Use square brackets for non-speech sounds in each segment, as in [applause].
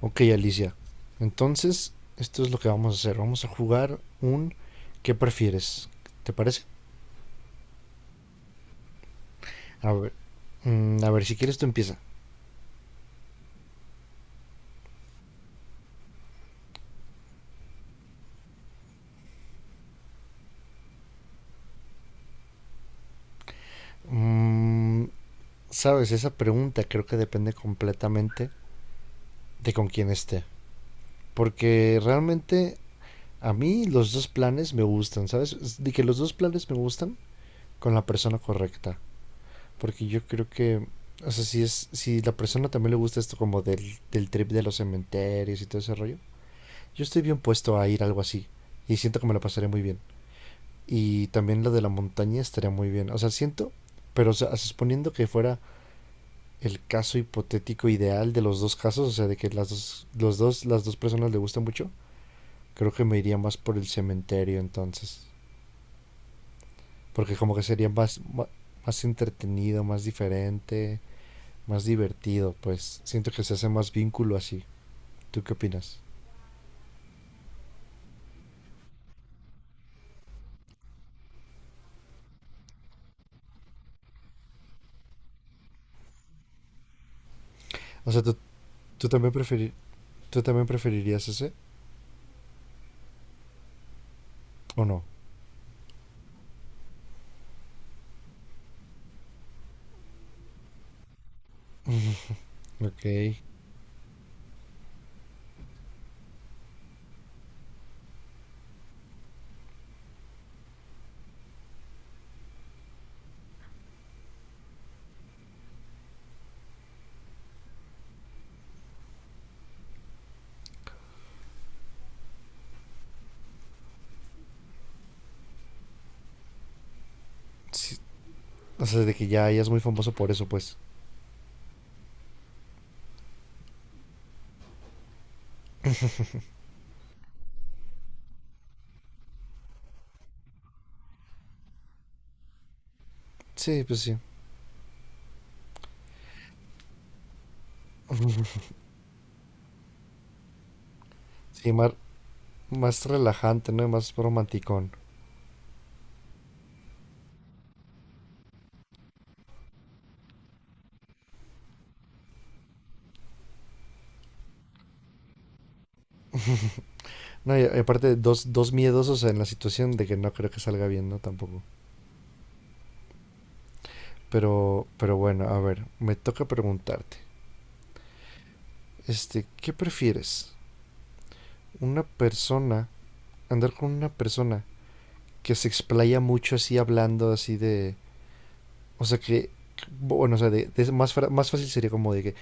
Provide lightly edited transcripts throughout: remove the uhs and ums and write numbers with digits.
Ok, Alicia. Entonces, esto es lo que vamos a hacer. Vamos a jugar un ¿qué prefieres? ¿Te parece? A ver, a ver si quieres tú empieza. Mm, Sabes, esa pregunta creo que depende completamente de con quién esté. Porque realmente a mí los dos planes me gustan, ¿sabes? Es de que los dos planes me gustan con la persona correcta. Porque yo creo que, o sea, si la persona también le gusta esto como del trip de los cementerios y todo ese rollo. Yo estoy bien puesto a ir a algo así y siento que me lo pasaré muy bien. Y también lo de la montaña estaría muy bien. O sea, siento, pero o sea, suponiendo que fuera el caso hipotético ideal de los dos casos, o sea, de que las dos, los dos, las dos personas le gustan mucho, creo que me iría más por el cementerio entonces. Porque como que sería más entretenido, más diferente, más divertido, pues siento que se hace más vínculo así. ¿Tú qué opinas? O sea, ¿tú, tú también, preferir, ¿Tú también preferirías ese o no? Ok. Sí, o sea, de que ya es muy famoso por eso, pues. Sí, pues sí. Sí, más relajante, ¿no? Y más romanticón. No, y aparte, dos miedosos en la situación de que no creo que salga bien, ¿no? Tampoco. Pero bueno, a ver, me toca preguntarte. Este, ¿qué prefieres? Una persona, andar con una persona que se explaya mucho así hablando así de... O sea que, bueno, o sea, más fácil sería como de que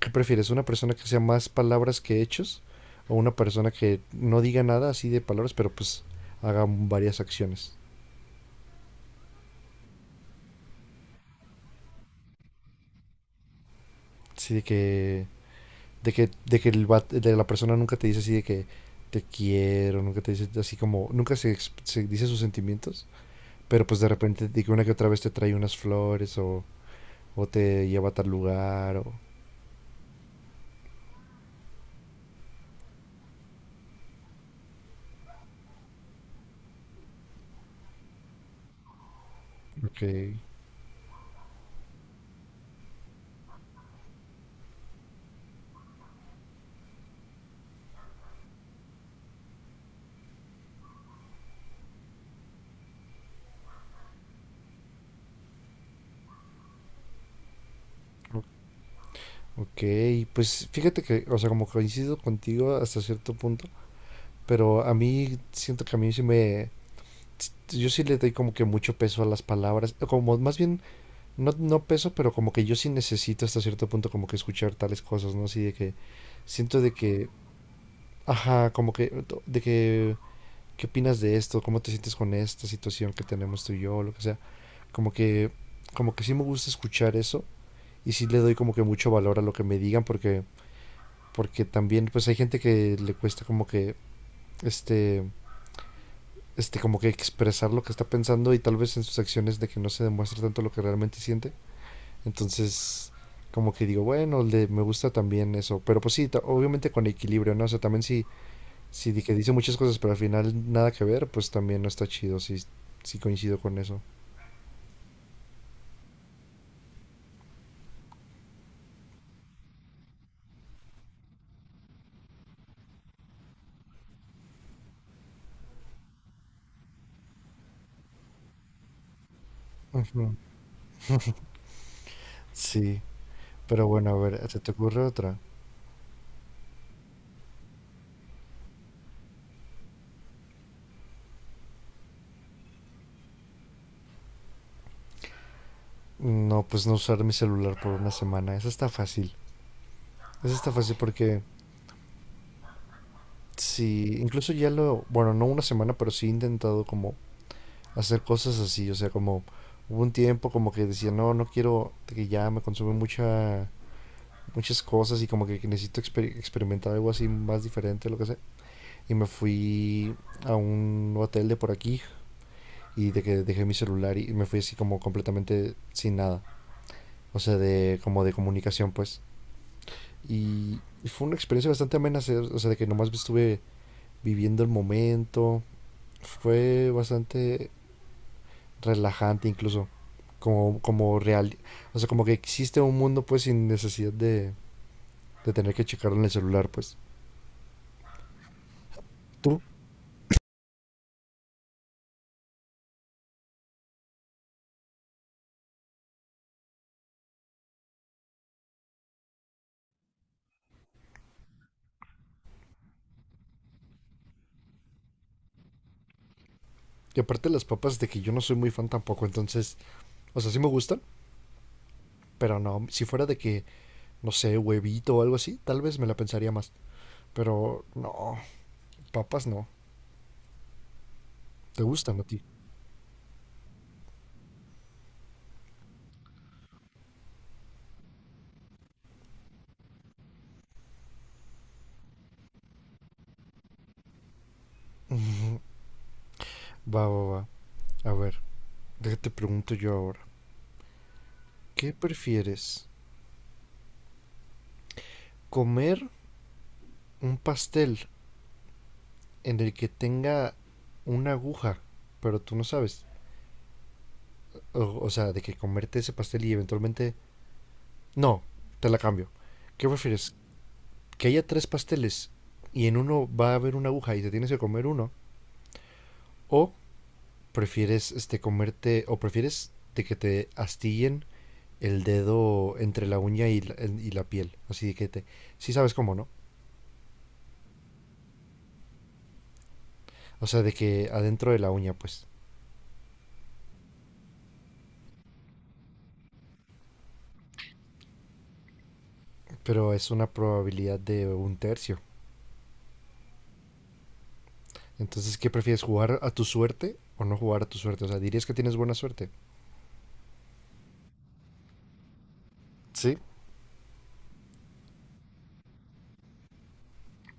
¿qué prefieres? ¿Una persona que sea más palabras que hechos? ¿O una persona que no diga nada así de palabras, pero pues haga varias acciones? Así de de que de la persona nunca te dice así de que te quiero, nunca te dice así como, nunca se, ex- se dice sus sentimientos, pero pues de repente de que una que otra vez te trae unas flores o te lleva a tal lugar o... Ok. Ok, pues fíjate que, o sea, como coincido contigo hasta cierto punto, pero a mí sí me, yo sí le doy como que mucho peso a las palabras, como más bien, no peso, pero como que yo sí necesito hasta cierto punto como que escuchar tales cosas, ¿no? Así de que siento de que, ajá, como que, ¿qué opinas de esto? ¿Cómo te sientes con esta situación que tenemos tú y yo? Lo que sea. Como que, como que sí me gusta escuchar eso y sí le doy como que mucho valor a lo que me digan porque, porque también pues hay gente que le cuesta como que, este, este, como que expresar lo que está pensando y tal vez en sus acciones de que no se demuestre tanto lo que realmente siente. Entonces, como que digo, me gusta también eso. Pero pues sí, ta- obviamente con equilibrio, ¿no? O sea, también si, que dice muchas cosas, pero al final nada que ver, pues también no está chido, sí coincido con eso. Ujú. Sí, pero bueno, a ver, ¿se te ocurre otra? No, pues no usar mi celular por una semana, esa está fácil. Esa está fácil porque sí incluso ya lo, bueno, no una semana, pero sí he intentado como hacer cosas así, o sea, como hubo un tiempo como que decía, no, no quiero, que ya me consume muchas cosas y como que necesito experimentar algo así más diferente, lo que sea. Y me fui a un hotel de por aquí y de que dejé mi celular y me fui así como completamente sin nada, o sea, de como de comunicación pues. Y fue una experiencia bastante amena, o sea, de que nomás estuve viviendo el momento, fue bastante relajante incluso. Como real, o sea, como que existe un mundo pues sin necesidad de tener que checarlo en el celular, pues. Tú. Y aparte las papas de que yo no soy muy fan tampoco, entonces, o sea, sí me gustan, pero no, si fuera de que, no sé, huevito o algo así, tal vez me la pensaría más. Pero no, papas no, te gustan a ti. Va, va, va. A ver, déjate pregunto yo ahora. ¿Qué prefieres? ¿Comer un pastel en el que tenga una aguja, pero tú no sabes? O sea, de que comerte ese pastel y eventualmente... No, te la cambio. ¿Qué prefieres? ¿Que haya tres pasteles y en uno va a haber una aguja y te tienes que comer uno? ¿O prefieres comerte... o prefieres de que te astillen el dedo entre la uña y la piel? Así de que te... Sí sabes cómo, ¿no? O sea, de que adentro de la uña, pues. Pero es una probabilidad de un tercio. Entonces, ¿qué prefieres? ¿Jugar a tu suerte o no jugar a tu suerte? O sea, ¿dirías que tienes buena suerte? Sí.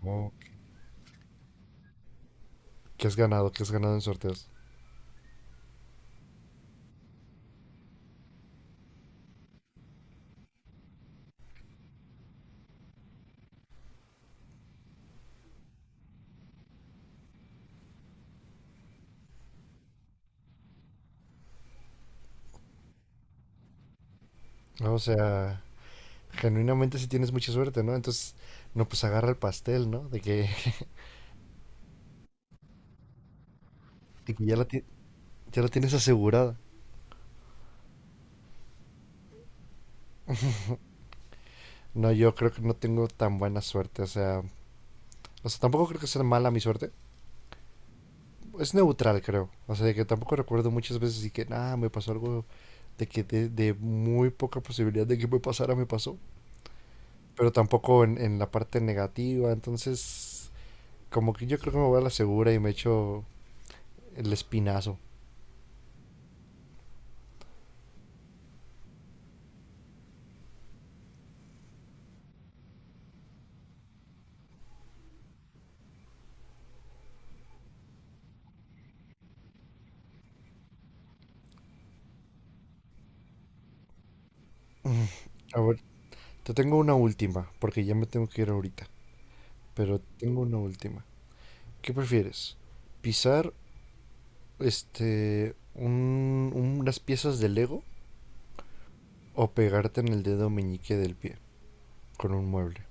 Oh, que has ganado en sorteos. ¿No? O sea, genuinamente si tienes mucha suerte, ¿no? Entonces, no, pues agarra el pastel, ¿no? De que, [laughs] de que ya, ya la tienes asegurada. No, yo creo que no tengo tan buena suerte, o sea, tampoco creo que sea mala mi suerte. Es neutral, creo. O sea, de que tampoco recuerdo muchas veces y que, nada, me pasó algo de que de muy poca posibilidad de que me pasara, me pasó. Pero tampoco en la parte negativa, entonces, como que yo creo que me voy a la segura y me echo el espinazo. Te tengo una última, porque ya me tengo que ir ahorita, pero tengo una última. ¿Qué prefieres? ¿Pisar unas piezas de Lego o pegarte en el dedo meñique del pie con un mueble?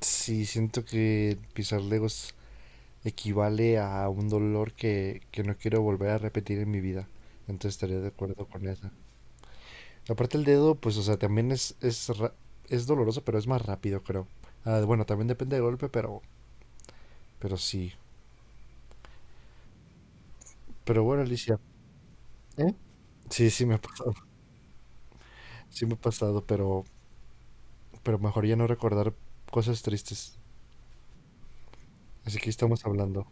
Sí, siento que pisar Legos equivale a un dolor que no quiero volver a repetir en mi vida. Entonces estaré de acuerdo con esa. Aparte el dedo, pues, o sea, también es doloroso, pero es más rápido, creo. Ah, bueno, también depende del golpe, pero sí. Pero bueno, Alicia, ¿eh? Sí, sí me ha pasado. Sí me ha pasado, pero mejor ya no recordar cosas tristes. Así que estamos hablando.